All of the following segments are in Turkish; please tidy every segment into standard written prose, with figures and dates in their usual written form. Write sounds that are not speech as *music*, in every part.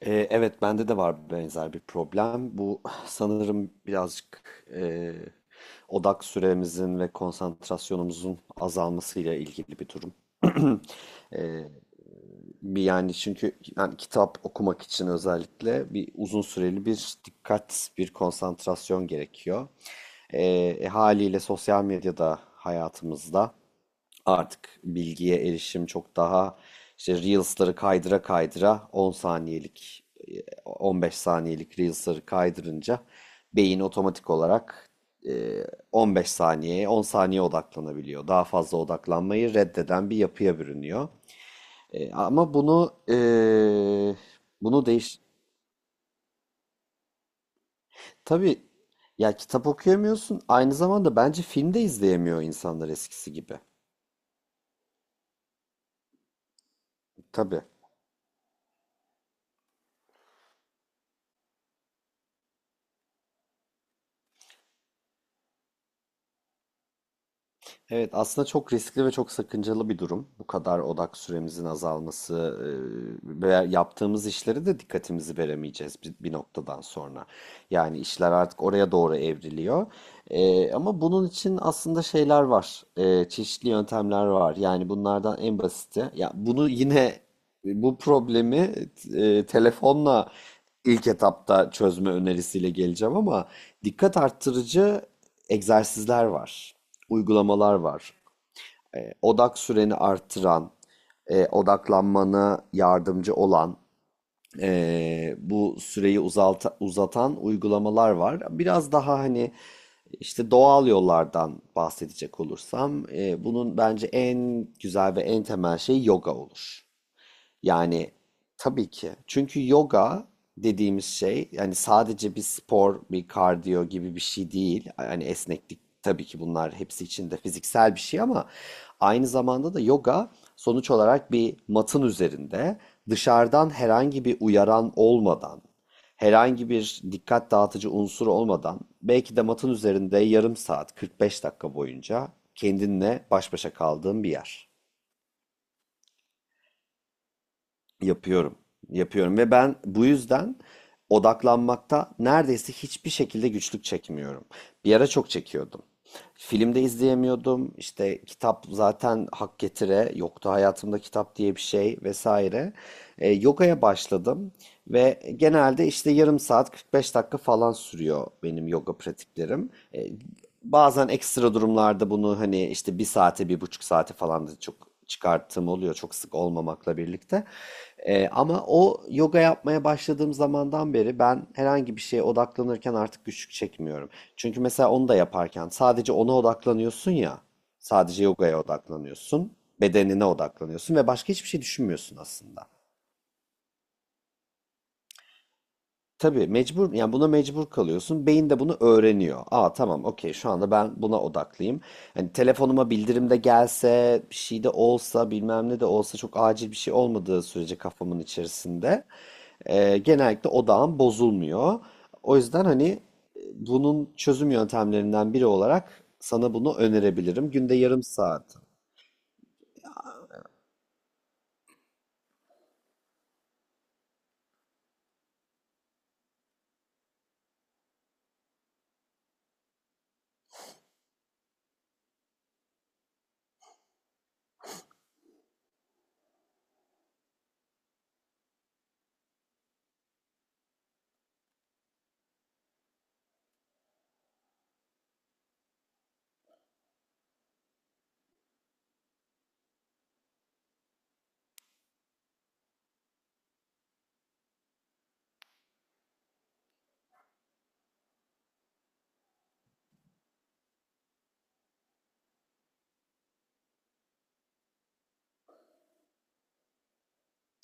Evet, bende de var benzer bir problem. Bu *sighs* sanırım birazcık e, odak süremizin ve konsantrasyonumuzun azalmasıyla ilgili bir durum. Bir yani çünkü yani kitap okumak için özellikle bir uzun süreli bir dikkat, bir konsantrasyon gerekiyor. Ee, Haliyle sosyal medyada hayatımızda. Artık bilgiye erişim çok daha işte Reels'ları kaydıra kaydıra 10 saniyelik, 15 saniyelik Reels'ları kaydırınca beyin otomatik olarak e, 15 saniyeye 10 saniye odaklanabiliyor. Daha fazla odaklanmayı reddeden bir yapıya bürünüyor. E, ama bunu e, bunu değiş tabii ya, kitap okuyamıyorsun, aynı zamanda bence film de izleyemiyor insanlar eskisi gibi. Tabii. Evet, aslında çok riskli ve çok sakıncalı bir durum. Bu kadar odak süremizin azalması e, ve yaptığımız işlere de dikkatimizi veremeyeceğiz bir noktadan sonra. Yani işler artık oraya doğru evriliyor. E, ama bunun için aslında şeyler var, çeşitli yöntemler var. Yani bunlardan en basiti, ya bunu yine bu problemi telefonla ilk etapta çözme önerisiyle geleceğim ama dikkat arttırıcı egzersizler var, uygulamalar var. E, odak süreni arttıran, odaklanmana yardımcı olan, bu süreyi uzatan uygulamalar var. Biraz daha hani işte doğal yollardan bahsedecek olursam, bunun bence en güzel ve en temel şey yoga olur. Yani tabii ki. Çünkü yoga dediğimiz şey yani sadece bir spor, bir kardiyo gibi bir şey değil. Yani esneklik tabii ki bunlar hepsi içinde fiziksel bir şey ama aynı zamanda da yoga sonuç olarak bir matın üzerinde dışarıdan herhangi bir uyaran olmadan herhangi bir dikkat dağıtıcı unsur olmadan belki de matın üzerinde yarım saat 45 dakika boyunca kendinle baş başa kaldığın bir yer. Yapıyorum. Yapıyorum ve ben bu yüzden odaklanmakta neredeyse hiçbir şekilde güçlük çekmiyorum. Bir ara çok çekiyordum. Filmde izleyemiyordum. İşte kitap zaten hak getire. Yoktu hayatımda kitap diye bir şey vesaire. E, yogaya başladım ve genelde işte yarım saat 45 dakika falan sürüyor benim yoga pratiklerim. E, bazen ekstra durumlarda bunu hani işte bir saate 1,5 saate falan da çok çıkarttığım oluyor, çok sık olmamakla birlikte. Ama o yoga yapmaya başladığım zamandan beri ben herhangi bir şeye odaklanırken artık güçlük çekmiyorum. Çünkü mesela onu da yaparken sadece ona odaklanıyorsun ya, sadece yogaya odaklanıyorsun, bedenine odaklanıyorsun ve başka hiçbir şey düşünmüyorsun aslında. Tabii mecbur, yani buna mecbur kalıyorsun. Beyin de bunu öğreniyor. Aa tamam okey şu anda ben buna odaklıyım. Hani telefonuma bildirim de gelse, bir şey de olsa, bilmem ne de olsa çok acil bir şey olmadığı sürece kafamın içerisinde. Genellikle odağım bozulmuyor. O yüzden hani bunun çözüm yöntemlerinden biri olarak sana bunu önerebilirim. Günde yarım saat.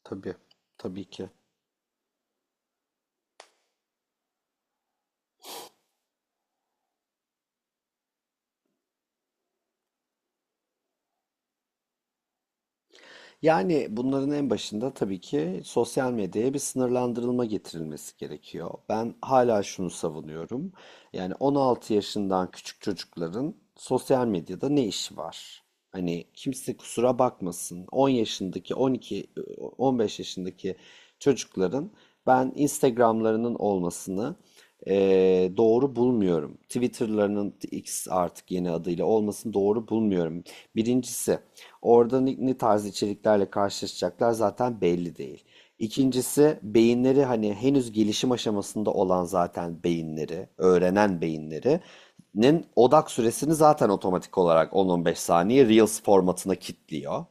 Tabii, tabii ki. Yani bunların en başında tabii ki sosyal medyaya bir sınırlandırılma getirilmesi gerekiyor. Ben hala şunu savunuyorum. Yani 16 yaşından küçük çocukların sosyal medyada ne işi var? Hani kimse kusura bakmasın. 10 yaşındaki, 12, 15 yaşındaki çocukların ben Instagram'larının olmasını doğru bulmuyorum. Twitter'larının X artık yeni adıyla olmasını doğru bulmuyorum. Birincisi, orada ne tarz içeriklerle karşılaşacaklar zaten belli değil. İkincisi, beyinleri hani henüz gelişim aşamasında olan zaten beyinleri, öğrenen beyinleri'nin odak süresini zaten otomatik olarak 10-15 saniye Reels formatına kilitliyor.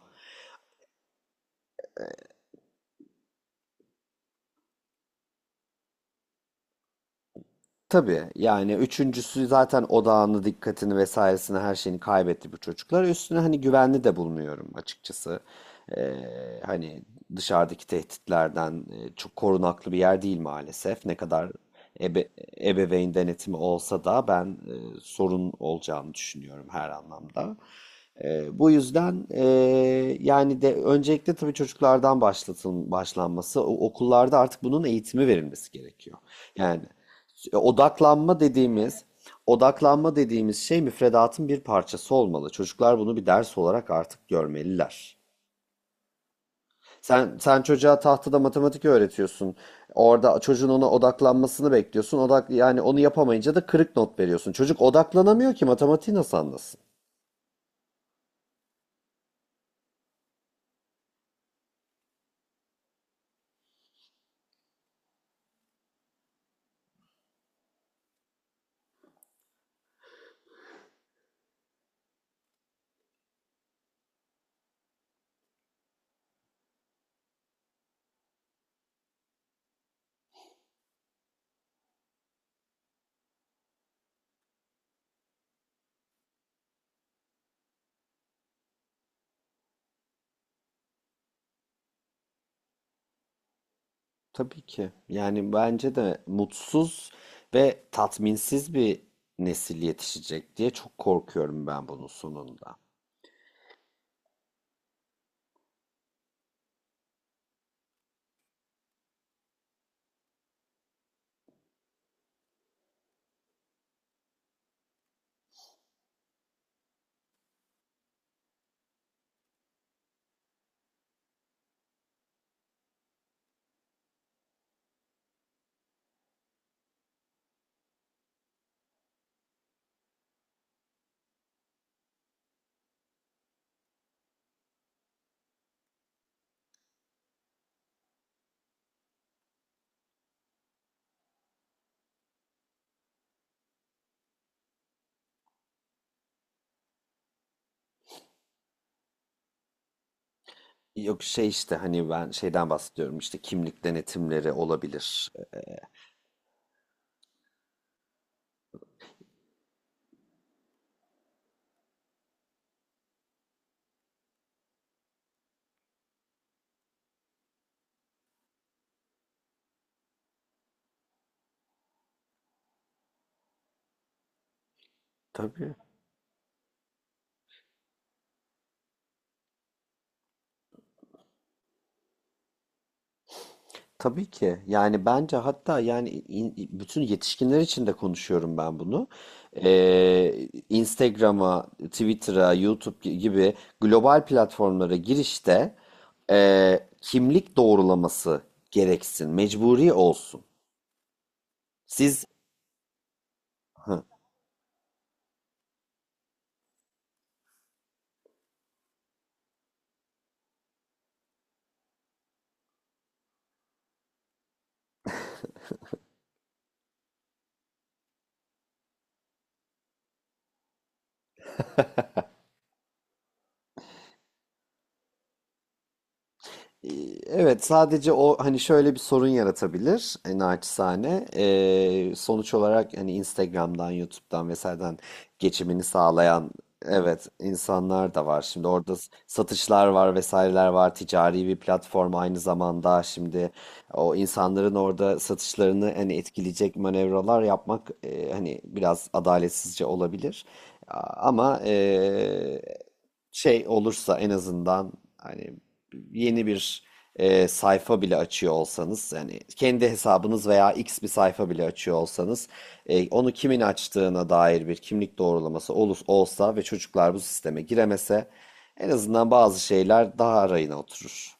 Tabii yani üçüncüsü zaten odağını, dikkatini vesairesini her şeyini kaybetti bu çocuklar. Üstüne hani güvenli de bulmuyorum açıkçası. Ee, Hani dışarıdaki tehditlerden çok korunaklı bir yer değil maalesef. Ne kadar ebe- ebeveyn denetimi olsa da ben sorun olacağını düşünüyorum her anlamda. Bu yüzden e, yani de öncelikle tabii çocuklardan başlanması, okullarda artık bunun eğitimi verilmesi gerekiyor. Yani e, odaklanma dediğimiz odaklanma dediğimiz şey müfredatın bir parçası olmalı. Çocuklar bunu bir ders olarak artık görmeliler. Sen çocuğa tahtada matematik öğretiyorsun. Orada çocuğun ona odaklanmasını bekliyorsun. Odak yani onu yapamayınca da kırık not veriyorsun. Çocuk odaklanamıyor ki matematiği nasıl anlasın? Tabii ki. Yani bence de mutsuz ve tatminsiz bir nesil yetişecek diye çok korkuyorum ben bunun sonunda. Yok şey işte hani ben şeyden bahsediyorum, işte kimlik denetimleri olabilir. Tabii. Tabii ki. Yani bence hatta bütün yetişkinler için de konuşuyorum ben bunu. Instagram'a, Twitter'a, YouTube gibi global platformlara girişte kimlik doğrulaması gereksin, mecburi olsun. Siz. Ee, Evet, sadece o hani şöyle bir sorun yaratabilir, naçizane. Sonuç olarak hani Instagram'dan, YouTube'dan vesaireden geçimini sağlayan evet insanlar da var. Şimdi orada satışlar var, vesaireler var. Ticari bir platform aynı zamanda şimdi o insanların orada satışlarını hani etkileyecek manevralar yapmak hani biraz adaletsizce olabilir. Ama şey olursa en azından hani yeni bir sayfa bile açıyor olsanız yani kendi hesabınız veya X bir sayfa bile açıyor olsanız onu kimin açtığına dair bir kimlik doğrulaması olsa ve çocuklar bu sisteme giremese en azından bazı şeyler daha arayına oturur.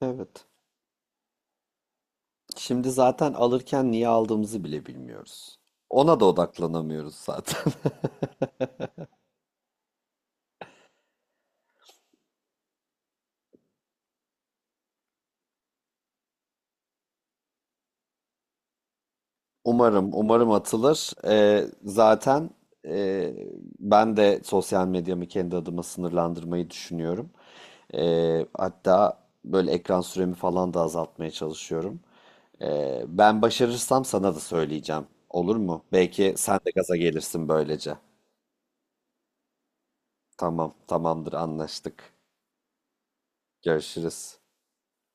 Evet. Şimdi zaten alırken niye aldığımızı bile bilmiyoruz. Ona da odaklanamıyoruz zaten. *laughs* Umarım, umarım atılır. Zaten e, ben de sosyal medyamı kendi adıma sınırlandırmayı düşünüyorum. Hatta böyle ekran süremi falan da azaltmaya çalışıyorum. Ben başarırsam sana da söyleyeceğim. Olur mu? Belki sen de gaza gelirsin böylece. Tamam, tamamdır, anlaştık. Görüşürüz.